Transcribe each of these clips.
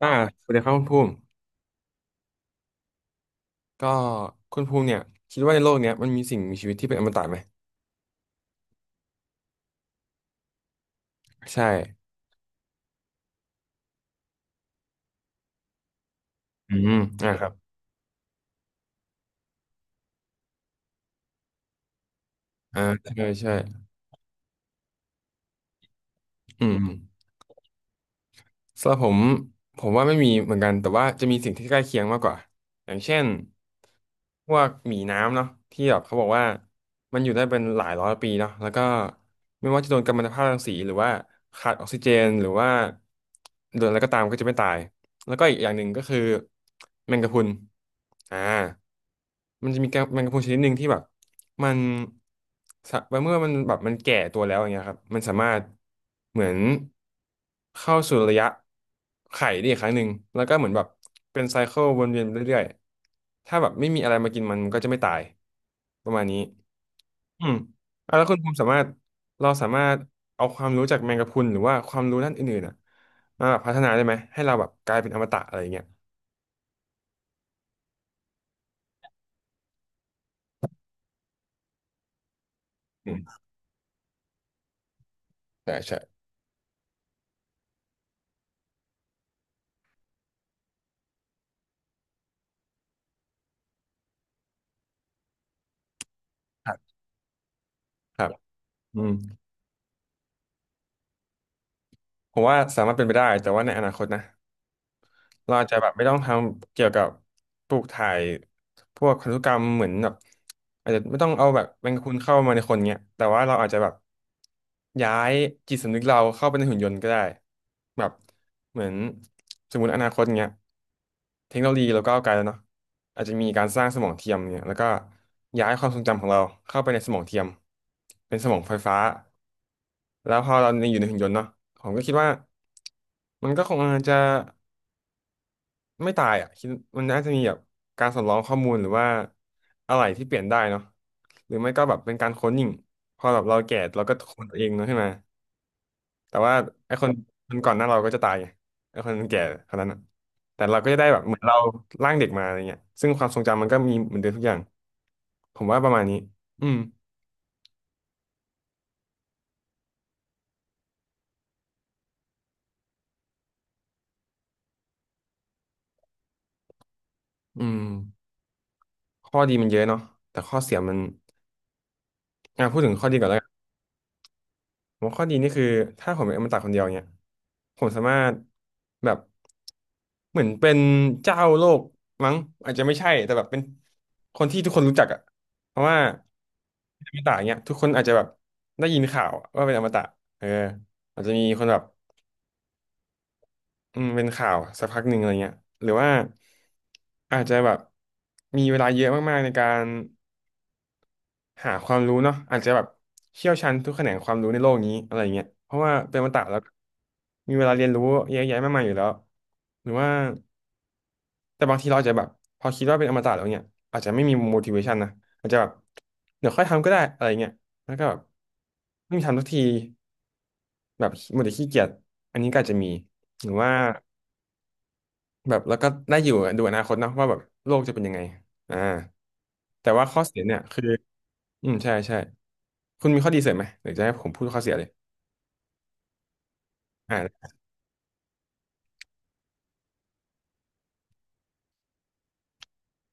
อ่าสวัสดีครับคุณภูมิก็คุณภูมิเนี่ยคิดว่าในโลกเนี้ยมันมีสิ่งมีชีวิตที่เป็นอมตะไหมใช่อืมครับใช่ใช่อืม สำหรับผมว่าไม่มีเหมือนกันแต่ว่าจะมีสิ่งที่ใกล้เคียงมากกว่าอย่างเช่นพวกหมีน้ำเนาะที่แบบเขาบอกว่ามันอยู่ได้เป็นหลายร้อยปีเนาะแล้วก็ไม่ว่าจะโดนกัมมันตภาพรังสีหรือว่าขาดออกซิเจนหรือว่าโดนอะไรก็ตามก็จะไม่ตายแล้วก็อีกอย่างหนึ่งก็คือแมงกะพรุนอ่ามันจะมีแมงกะพรุนชนิดหนึ่งที่แบบ มันสะเมื่อมันแก่ตัวแล้วอย่างเงี้ยครับมันสามารถเหมือนเข้าสู่ระยะไข่ได้อีกครั้งหนึ่งแล้วก็เหมือนแบบเป็นไซเคิลวนเวียนไปเรื่อยๆถ้าแบบไม่มีอะไรมากินมันก็จะไม่ตายประมาณนี้อืมอ่ะแล้วคุณภูมิสามารถเราสามารถเอาความรู้จากแมงกะพรุนหรือว่าความรู้ด้านอื่นๆอ่ะมาแบบพัฒนาได้ไหมให้เราแบบกลายเป็นอมตะอะไรอย่างเงี้ยอืมใช่ใช่ครับครับอืมผมว่าสามารถเป็นไปได้แต่ว่าในอนาคตนะ เราอาจจะแบบไม่ต้องทำเกี่ยวกับปลูกถ่ายพวกพันธุกรรมเหมือนแบบอาจจะไม่ต้องเอาแบบแมงกะพรุนเข้ามาในคนเนี้ยแต่ว่าเราอาจจะแบบย้ายจิตสำนึกเราเข้าไปในหุ่นยนต์ก็ได้แบบเหมือนสมมติอนาคตเนี้ยเทคโนโลยีเราก้าวไกลแล้วเนาะอาจจะมีการสร้างสมองเทียมเนี่ยแล้วก็ย้ายความทรงจำของเราเข้าไปในสมองเทียมเป็นสมองไฟฟ้าแล้วพอเราอยู่ในหุ่นยนต์เนาะผมก็คิดว่ามันก็คงจะ ไม่ตายอ่ะคิดมันน่าจะมีแบบการสำรองข้อมูลหรือว่าอะไรที่เปลี่ยนได้เนาะหรือไม่ก็แบบเป็นการค้นยิงพอแบบเราแก่เราก็ค้นตัวเองเนาะใช่ไหมแต่ว่าไอ้คนคนก่อนหน้าเราก็จะตายไงไอ้คนแก่คนนั้นอะแต่เราก็จะได้แบบเหมือนเราร่างเด็กมาอะไรเงี้ยซึ่งความทรงจำมันก็มีเหมือนเดิมทุกอย่างผมว่าประมาณนี้อืมอืมข้อดีมันเยอะเนาะแต่ข้อเสียมันอ่ะพูดถึงข้อดีก่อนแล้วกัน ผมว่าข้อดีนี่คือถ้าผมเป็นอมตะคนเดียวเนี่ยผมสามารถแบบเหมือนเป็นเจ้าโลกมั้งอาจจะไม่ใช่แต่แบบเป็นคนที่ทุกคนรู้จักอะเพราะว่าอมตะเนี่ยทุกคนอาจจะแบบได้ยินข่าวว่าเป็นอมตะเอออาจจะมีคนแบบอืมเป็นข่าวสักพักหนึ่งอะไรเงี้ยหรือว่าอาจจะแบบมีเวลาเยอะมากๆในการ หาความรู้เนาะอาจจะแบบเชี่ยวชาญทุกแขนงความรู้ในโลกนี้อะไรเงี้ยเพราะว่าเป็นอมตะแล้วมีเวลาเรียนรู้เยอะแยะมากมายอยู่แล้วหรือว่าแต่บางทีเราอาจจะแบบพอคิดว่าเป็นอมตะแล้วเนี่ยอาจจะไม่มี motivation นะอาจจะแบบเดี๋ยวค่อยทำก็ได้อะไรเงี้ยแล้วก็แบบไม่มีทำสักทีแบบหมดแต่ขี้เกียจอันนี้ก็อาจจะมีหรือว่าแบบแล้วก็ได้อยู่ดูอนาคตเนาะว่าแบบโลกจะเป็นยังไงอ่าแต่ว่าข้อเสียเนี่ยคือ อืมใช่ใช่คุณมีข้อดีเสริมไหมหรือจะให้ผมพูดข้อเสียเลยอ่า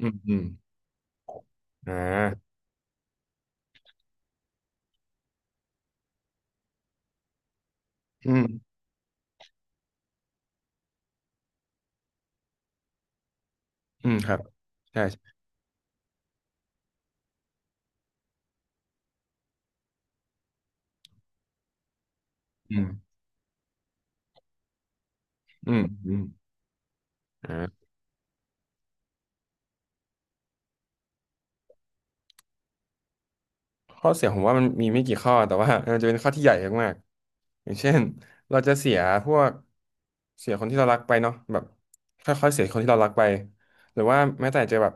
อืมอ่าอืมอืมครับใช่ใช่อืมอืมอ่าข้อเสียผมว่ามันมีไม่กี่ข้อแต่ว่ามันจะเป็นข้อที่ใหญ่มากๆอย่างเช่นเราจะเสียพวกเสียคนที่เรารักไปเนาะแบบค่อยๆเสียคนที่เรารักไปหรือว่าแม้แต่จะแบบ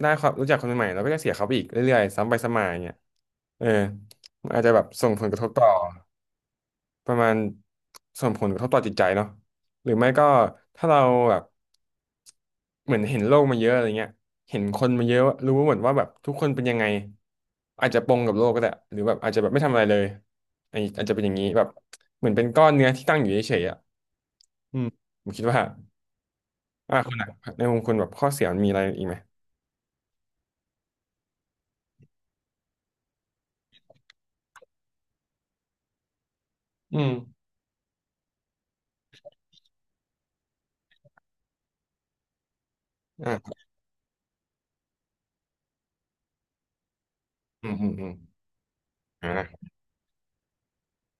ได้ความรู้จักคนใหม่ๆเราก็จะเสียเขาไปอีกเรื่อยๆซ้ำไปซ้ำมาอย่างเงี้ยเออมันอาจจะแบบส่งผลกระทบต่อ ประมาณส่งผลกระทบต่อจิตใจเนาะหรือไม่ก็ถ้าเราแบบเหมือนเห็นโลกมาเยอะอะไรเงี้ยเห็นคนมาเยอะรู้หมดว่าแบบทุกคนเป็นยังไงอาจจะปงกับโลกก็ได้หรือแบบอาจจะแบบไม่ทำอะไรเลยอันนี้อาจจะเป็นอย่างนี้แบบเหมือนเป็นก้อนเนื้อที่ตั้งอยู่เฉยๆอ่ะอืมผมคิดว่าคุณอะในมุมคุณแบบข้อเสียมันมีอะไรอีกไหมอืมอ่าอืมอ่า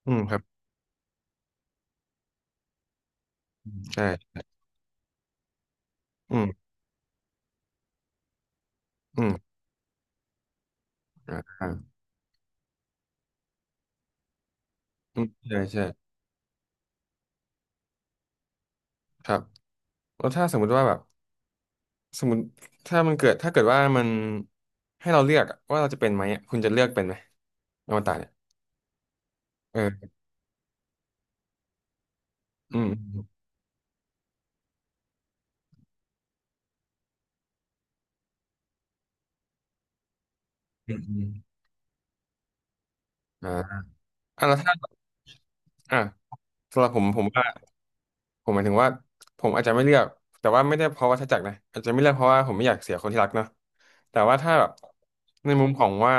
อืมครับใช่อืมอืมอ่าอ่าใช่ใช่ครับแล้วถ้าสมมุติว่าแบบ สมมติถ้ามันเกิดถ้าเกิดว่ามันให้เราเลือกอะว่าเราจะเป็นไหมอะคุณจะเลือกเป็นไหมอวตารเนี่ยเอออืมอืมอืมอ่าอ่ะแล้วถ้าอ่ะสำหรับผมผมว่าผมหมายถึงว่าผมอาจจะไม่เลือกแต่ว่าไม่ได้เพราะวัฏจักรนะอาจจะไม่เลือกเพราะว่าผมไม่อยากเสียคนที่รักเนาะแต่ว่าถ้าแบบในมุมของว่า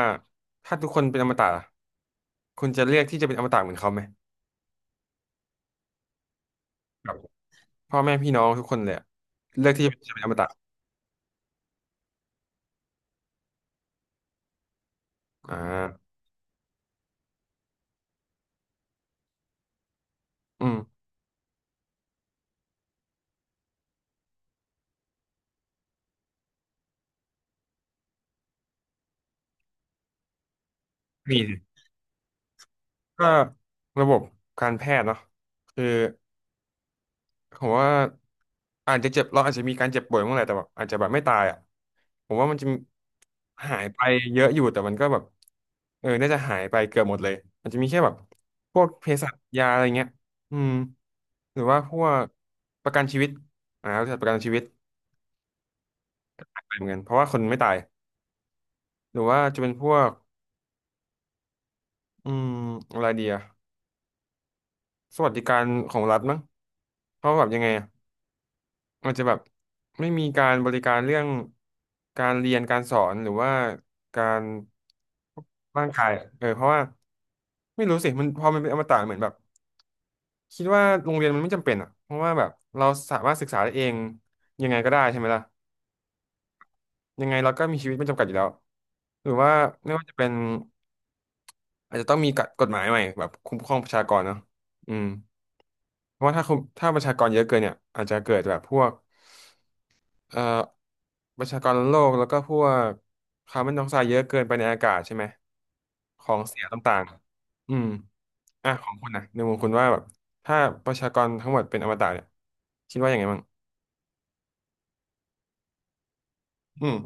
ถ้าทุกคนเป็นอมตะล่ะคุณจะเลือกที่จะเป็นอมตะเหมือนเขาไหมแบบพ่อแม่พี่น้องทุกคนเลยอะเลือกที่จะเป็นอมตะอ่าอืมมีสิ ก็ระบบการแพทย์เนาะคือผมว่าอาจจะเจ็บเราอาจจะมีการเจ็บป่วยเมื่อไหร่แต่แบบอาจจะแบบไม่ตายอ่ะผมว่ามันจะหายไปเยอะอยู่แต่มันก็แบบเออน่าจะหายไปเกือบหมดเลยมันจะมีแค่แบบพวกเภสัชยาอะไรเงี้ยอืมหรือว่าพวกประกันชีวิตบริษัทประกันชีวิตไปเหมือนกันเพราะว่าคนไม่ตายหรือว่าจะเป็นพวกอืมอะไรเดียะสวัสดิการของรัฐมั้งเพราะว่าแบบยังไงอะ มันจะแบบไม่มีการบริการเรื่องการเรียนการสอนหรือว่าการร่างกายเออเพราะว่าไม่รู้สิมันพอมันเป็นอมตะเหมือนแบบคิดว่าโรงเรียนมันไม่จำเป็นอ่ะเพราะว่าแบบเราสามารถศึกษาได้เองยังไงก็ได้ใช่ไหมล่ะยังไงเราก็มีชีวิตไม่จำกัดอยู่แล้วหรือว่าไม่ว่าจะเป็นอาจจะต้องมีกฎหมายใหม่แบบคุ้มครองประชากรเนาะอืมเพราะว่าถ้าคุมถ้าประชากรเยอะเกินเนี่ยอาจจะเกิดแบบพวก เอ่อประชากรโลกแล้วก็พวกคาร์บอนไดออกไซด์เยอะเกินไปในอากาศใช่ไหมของเสียต่างๆอืมอ่ะของคุณนะในมุมคุณว่าแบบถ้าประชากรทั้งหมดเป็นอมตะเนี่ยคิดว่าอย่างไงบ้างอืม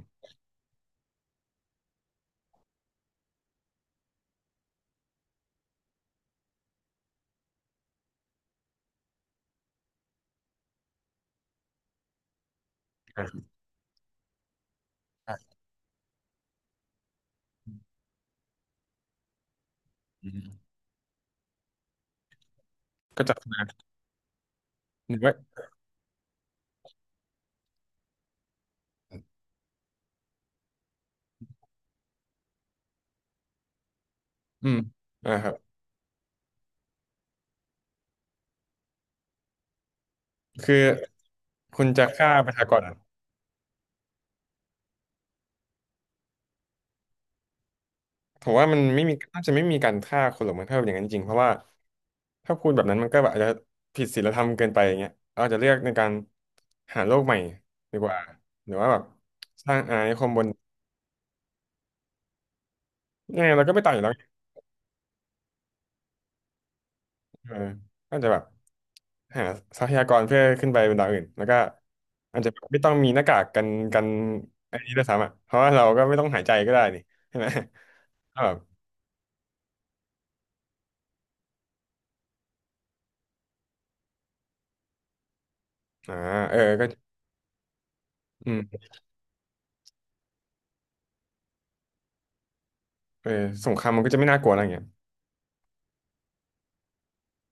อ่ะอ่ะอืมก็จัดมาหนึ่งไว้อืมครับคือคุณจะฆ่าประชากร ผมว่ามันไม่มีน่าจะไม่มีการฆ่าคนหรอกมั้งถ้าอย่างนั้นจริงเพราะว่าถ้าพูดแบบนั้นมันก็แบบอาจจะผิดศีลธรรมเกินไปอย่างเงี้ยอาจจะเลือกในการหาโลกใหม่ดีกว่าหรือว่าแบบสร้างอาณานิคมบนยังไงเราก็ไม่ตายอยู่แล้วไงเออก็จะแบบหาทรัพยากรเพื่อขึ้นไปบนดาวอื่นแล้วก็อาจจะไม่ต้องมีหน้ากากกันไอันนี้ด้วยซ้ำอ่ะเพราะว่าเราก็ไม่ต้องหายใจก็ได้นี่ใช่ไหม ก็แบบอ่าเออก็อืมเออสงครามมันก็จะไม่น่ากลัวอะไรอย่างเงี้ย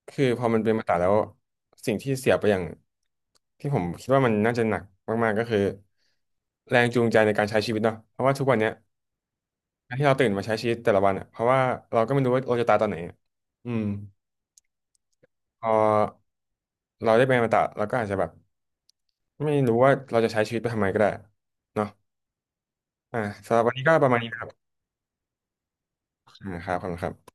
คือพอมันเป็นมาตราแล้วสิ่งที่เสียไปอย่างที่ผมคิดว่ามันน่าจะหนักมากๆก็คือแรงจูงใจในการใช้ชีวิตเนาะเพราะว่าทุกวันเนี้ยการที่เราตื่นมาใช้ชีวิตแต่ละวันอ่ะเพราะว่าเราก็ไม่รู้ว่าเราจะตายตอนไหนอะอืมพอเราได้เป็นอมตะเราก็อาจจะแบบไม่รู้ว่าเราจะใช้ชีวิตไปทำไมก็ได้เนาะอ่าสำหรับวันนี้ก็ประมาณนี้ครับครับขอบคุณครับ